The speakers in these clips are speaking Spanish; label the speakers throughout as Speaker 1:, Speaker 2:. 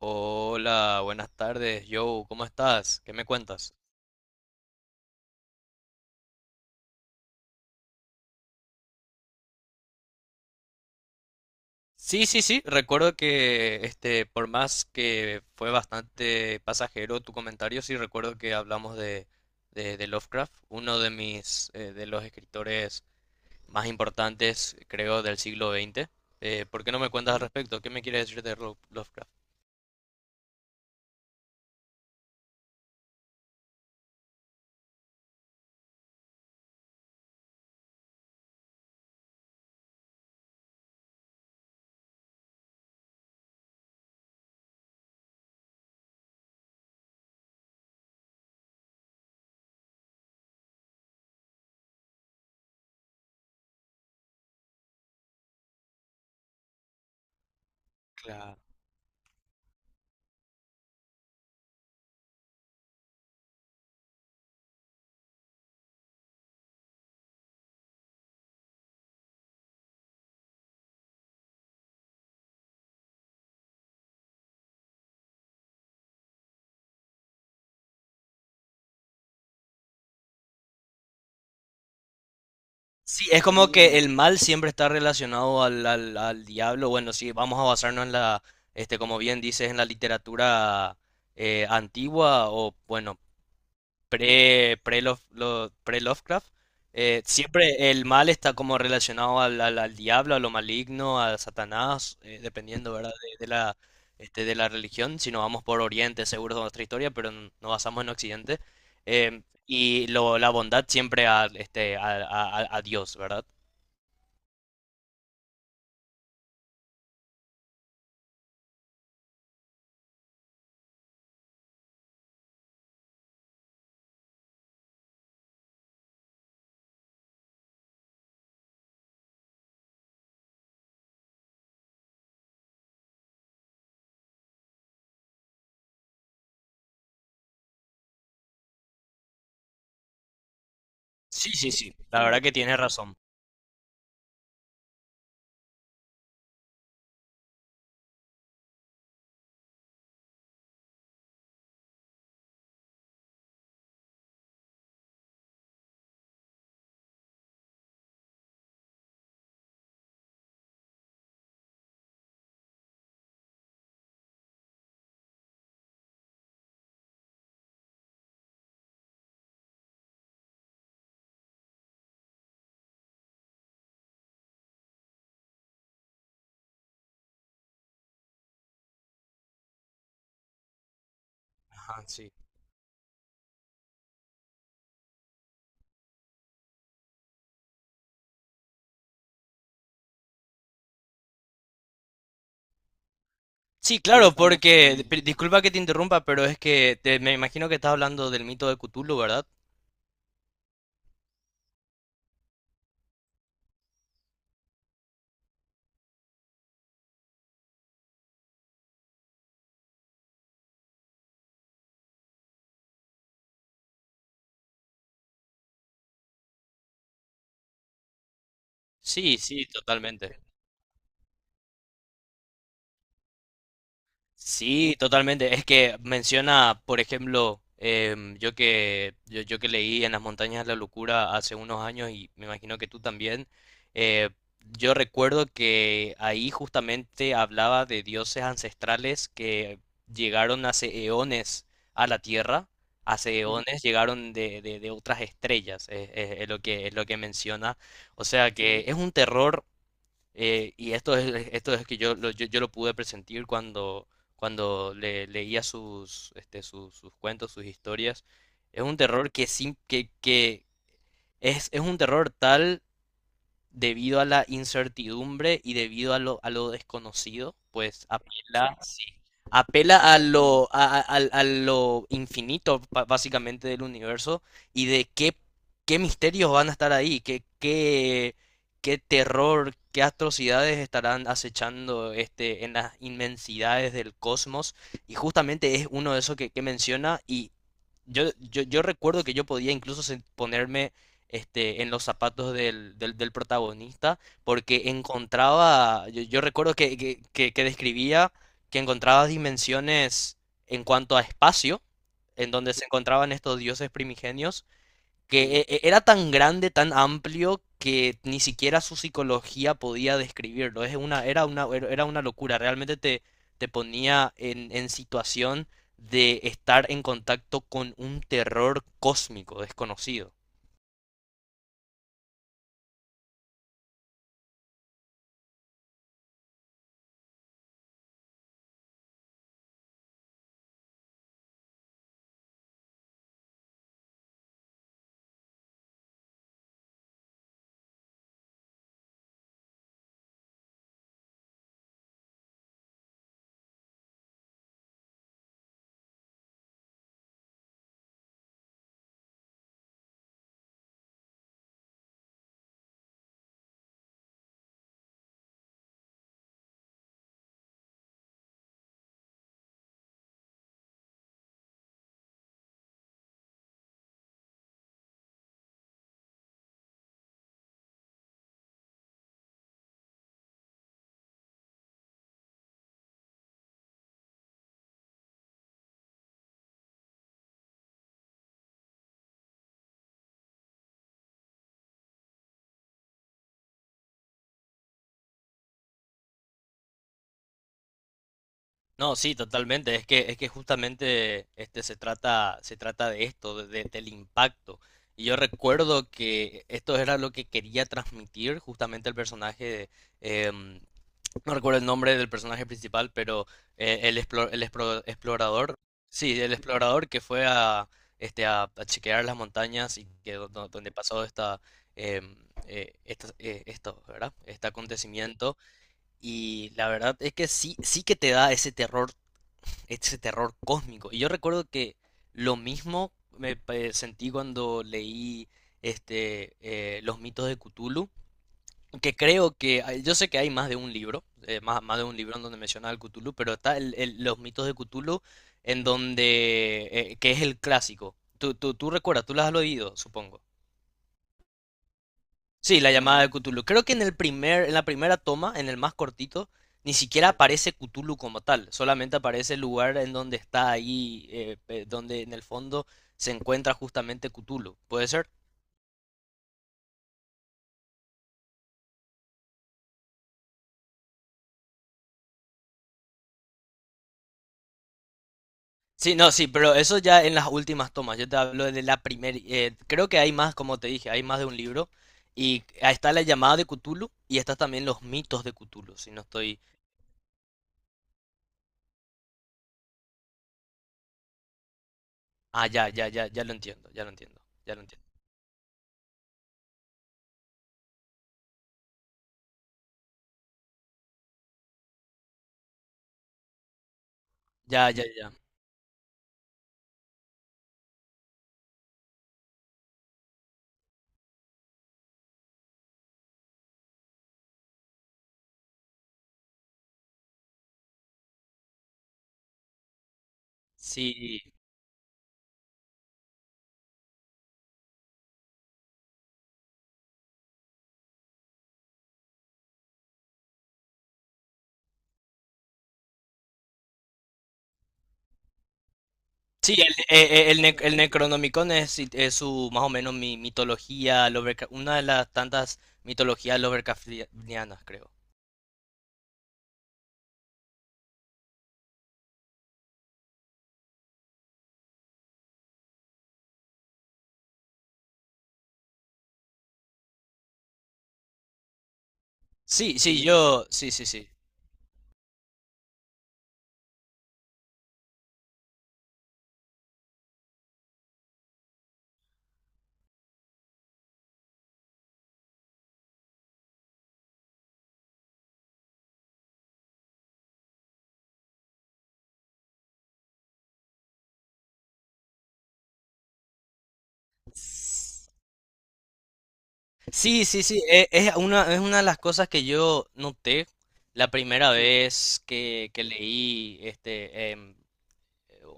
Speaker 1: Hola, buenas tardes, Joe, ¿cómo estás? ¿Qué me cuentas? Sí, sí, sí, recuerdo que este, por más que fue bastante pasajero tu comentario, sí recuerdo que hablamos de, de Lovecraft, uno de mis, de los escritores más importantes, creo, del siglo XX. ¿Por qué no me cuentas al respecto? ¿Qué me quieres decir de Lovecraft? Claro. Sí, es como que el mal siempre está relacionado al diablo. Bueno, sí, vamos a basarnos en la, este, como bien dices, en la literatura antigua o, bueno, pre Lovecraft. Siempre el mal está como relacionado al diablo, a lo maligno, a Satanás, dependiendo, ¿verdad? De la, este, de la religión. Si nos vamos por Oriente, seguro es nuestra historia, pero nos basamos en Occidente. Em, y lo, la bondad siempre a, este, a Dios, ¿verdad? Sí, sí, sí, la verdad que tienes razón. Ajá, sí. Sí, claro, porque, disculpa que te interrumpa, pero es que me imagino que estás hablando del mito de Cthulhu, ¿verdad? Sí, sí, totalmente. Sí, totalmente. Es que menciona, por ejemplo, em, yo que leí En las montañas de la locura hace unos años y me imagino que tú también, eh, yo recuerdo que ahí justamente hablaba de dioses ancestrales que llegaron hace eones a la Tierra, hace Ujú. Eones llegaron de, de otras estrellas, es lo que menciona. O sea que es un terror y esto es que yo lo pude presentir cuando, cuando leía sus, este, sus cuentos, sus historias. Es un terror que, sin, que es un terror tal debido a la incertidumbre y debido a lo desconocido, pues apela apela a lo, a lo infinito básicamente del universo y de qué, qué misterios van a estar ahí, qué, qué, qué terror, qué atrocidades estarán acechando este, en las inmensidades del cosmos. Y justamente es uno de esos que menciona y yo recuerdo que yo podía incluso ponerme... Este, en los zapatos del protagonista, porque encontraba, yo recuerdo que describía que encontraba dimensiones en cuanto a espacio, en donde se encontraban estos dioses primigenios, que era tan grande, tan amplio, que ni siquiera su psicología podía describirlo. Era una locura, realmente te, te ponía en situación de estar en contacto con un terror cósmico desconocido. No, sí, totalmente. Es que justamente este se trata de esto, del impacto. Y yo recuerdo que esto era lo que quería transmitir justamente el personaje, eh, no recuerdo el nombre del personaje principal, pero el, explorador, sí, el explorador que fue a, este, a chequear las montañas y que donde pasó esta, em, esto, ¿verdad? Este acontecimiento. Y la verdad es que sí, sí que te da ese terror cósmico. Y yo recuerdo que lo mismo me sentí cuando leí este, Los mitos de Cthulhu, que creo que, yo sé que hay más de un libro, más, más de un libro en donde menciona al Cthulhu, pero está Los mitos de Cthulhu, en donde, que es el clásico. Tú recuerdas, tú las has oído, supongo. Sí, la llamada de Cthulhu. Creo que en el primer, en la primera toma, en el más cortito, ni siquiera aparece Cthulhu como tal. Solamente aparece el lugar en donde está ahí, donde en el fondo se encuentra justamente Cthulhu. ¿Puede ser? Sí, no, sí, pero eso ya en las últimas tomas. Yo te hablo de la primera. Creo que hay más, como te dije, hay más de un libro. Y ahí está la llamada de Cthulhu y están también los mitos de Cthulhu. Si no estoy. Ah, ya, ya, ya, ya lo entiendo, ya lo entiendo, ya lo entiendo. Ya, ya, ya. Sí. Sí, el, el Necronomicon es su, más o menos, mi mitología, una de las tantas mitologías Lovecraftianas, creo. Sí, sí, sí. Yo, sí, sí, sí. S- Sí, sí, sí, es una de las cosas que yo noté la primera vez que leí este, em,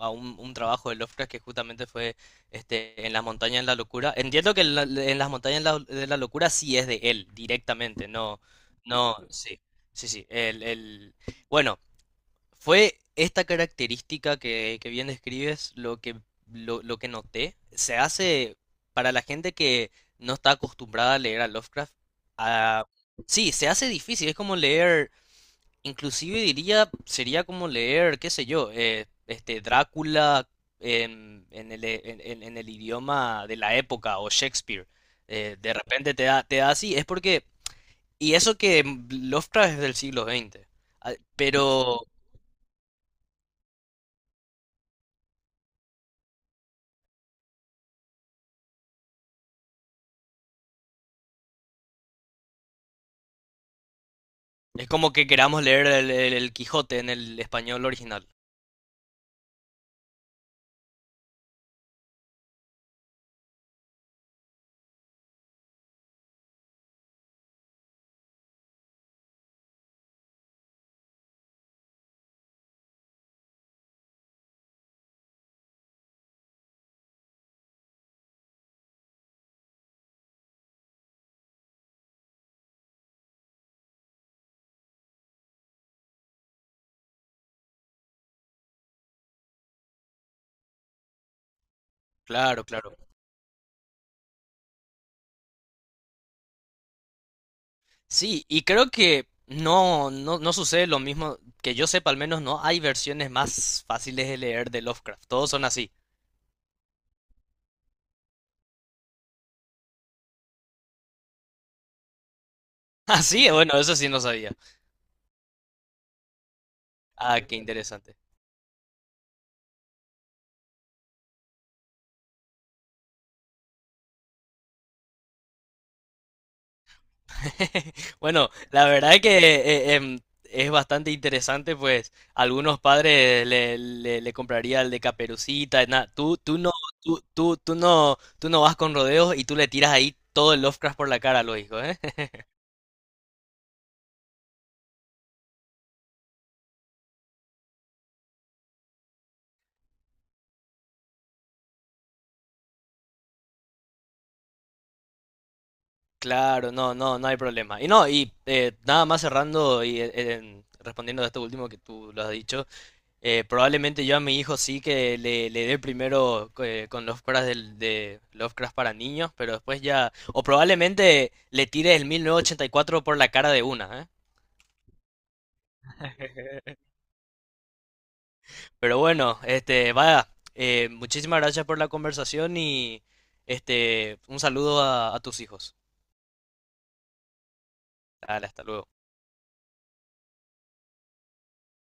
Speaker 1: a un trabajo de Lovecraft que justamente fue este, en las montañas de la locura. Entiendo que en, en las montañas de la locura sí es de él, directamente, no, no, sí, sí, sí. Bueno, fue esta característica que bien describes lo que, lo que noté. Se hace para la gente que no está acostumbrada a leer a Lovecraft, a- sí, se hace difícil, es como leer inclusive diría, sería como leer, qué sé yo, este Drácula en el, e, en el idioma de la época o Shakespeare. De repente te da así, es porque, y eso que Lovecraft es del siglo XX, ah, pero es como que queramos leer el, el Quijote en el español original. Claro, claro. Sí, y creo que no, no, no sucede lo mismo, que yo sepa al menos no hay versiones más fáciles de leer de Lovecraft, todos son así. Ah, sí, bueno, eso sí no sabía. Ah, qué interesante. Bueno, la verdad es que em, es bastante interesante, pues algunos padres le compraría el de Caperucita, tú, tú no, tú no, tú no vas con rodeos y tú le tiras ahí todo el Lovecraft por la cara a los hijos, ¿eh? Claro, no, no, no hay problema. Y no, y nada más cerrando y respondiendo a esto último que tú lo has dicho, eh, probablemente yo a mi hijo sí que le dé primero con Lovecraft de Lovecraft para niños, pero después ya... O probablemente le tire el 1984 por la cara de una, ¿eh? Pero bueno, este, vaya, muchísimas gracias por la conversación y este, un saludo a tus hijos. Dale, hasta luego.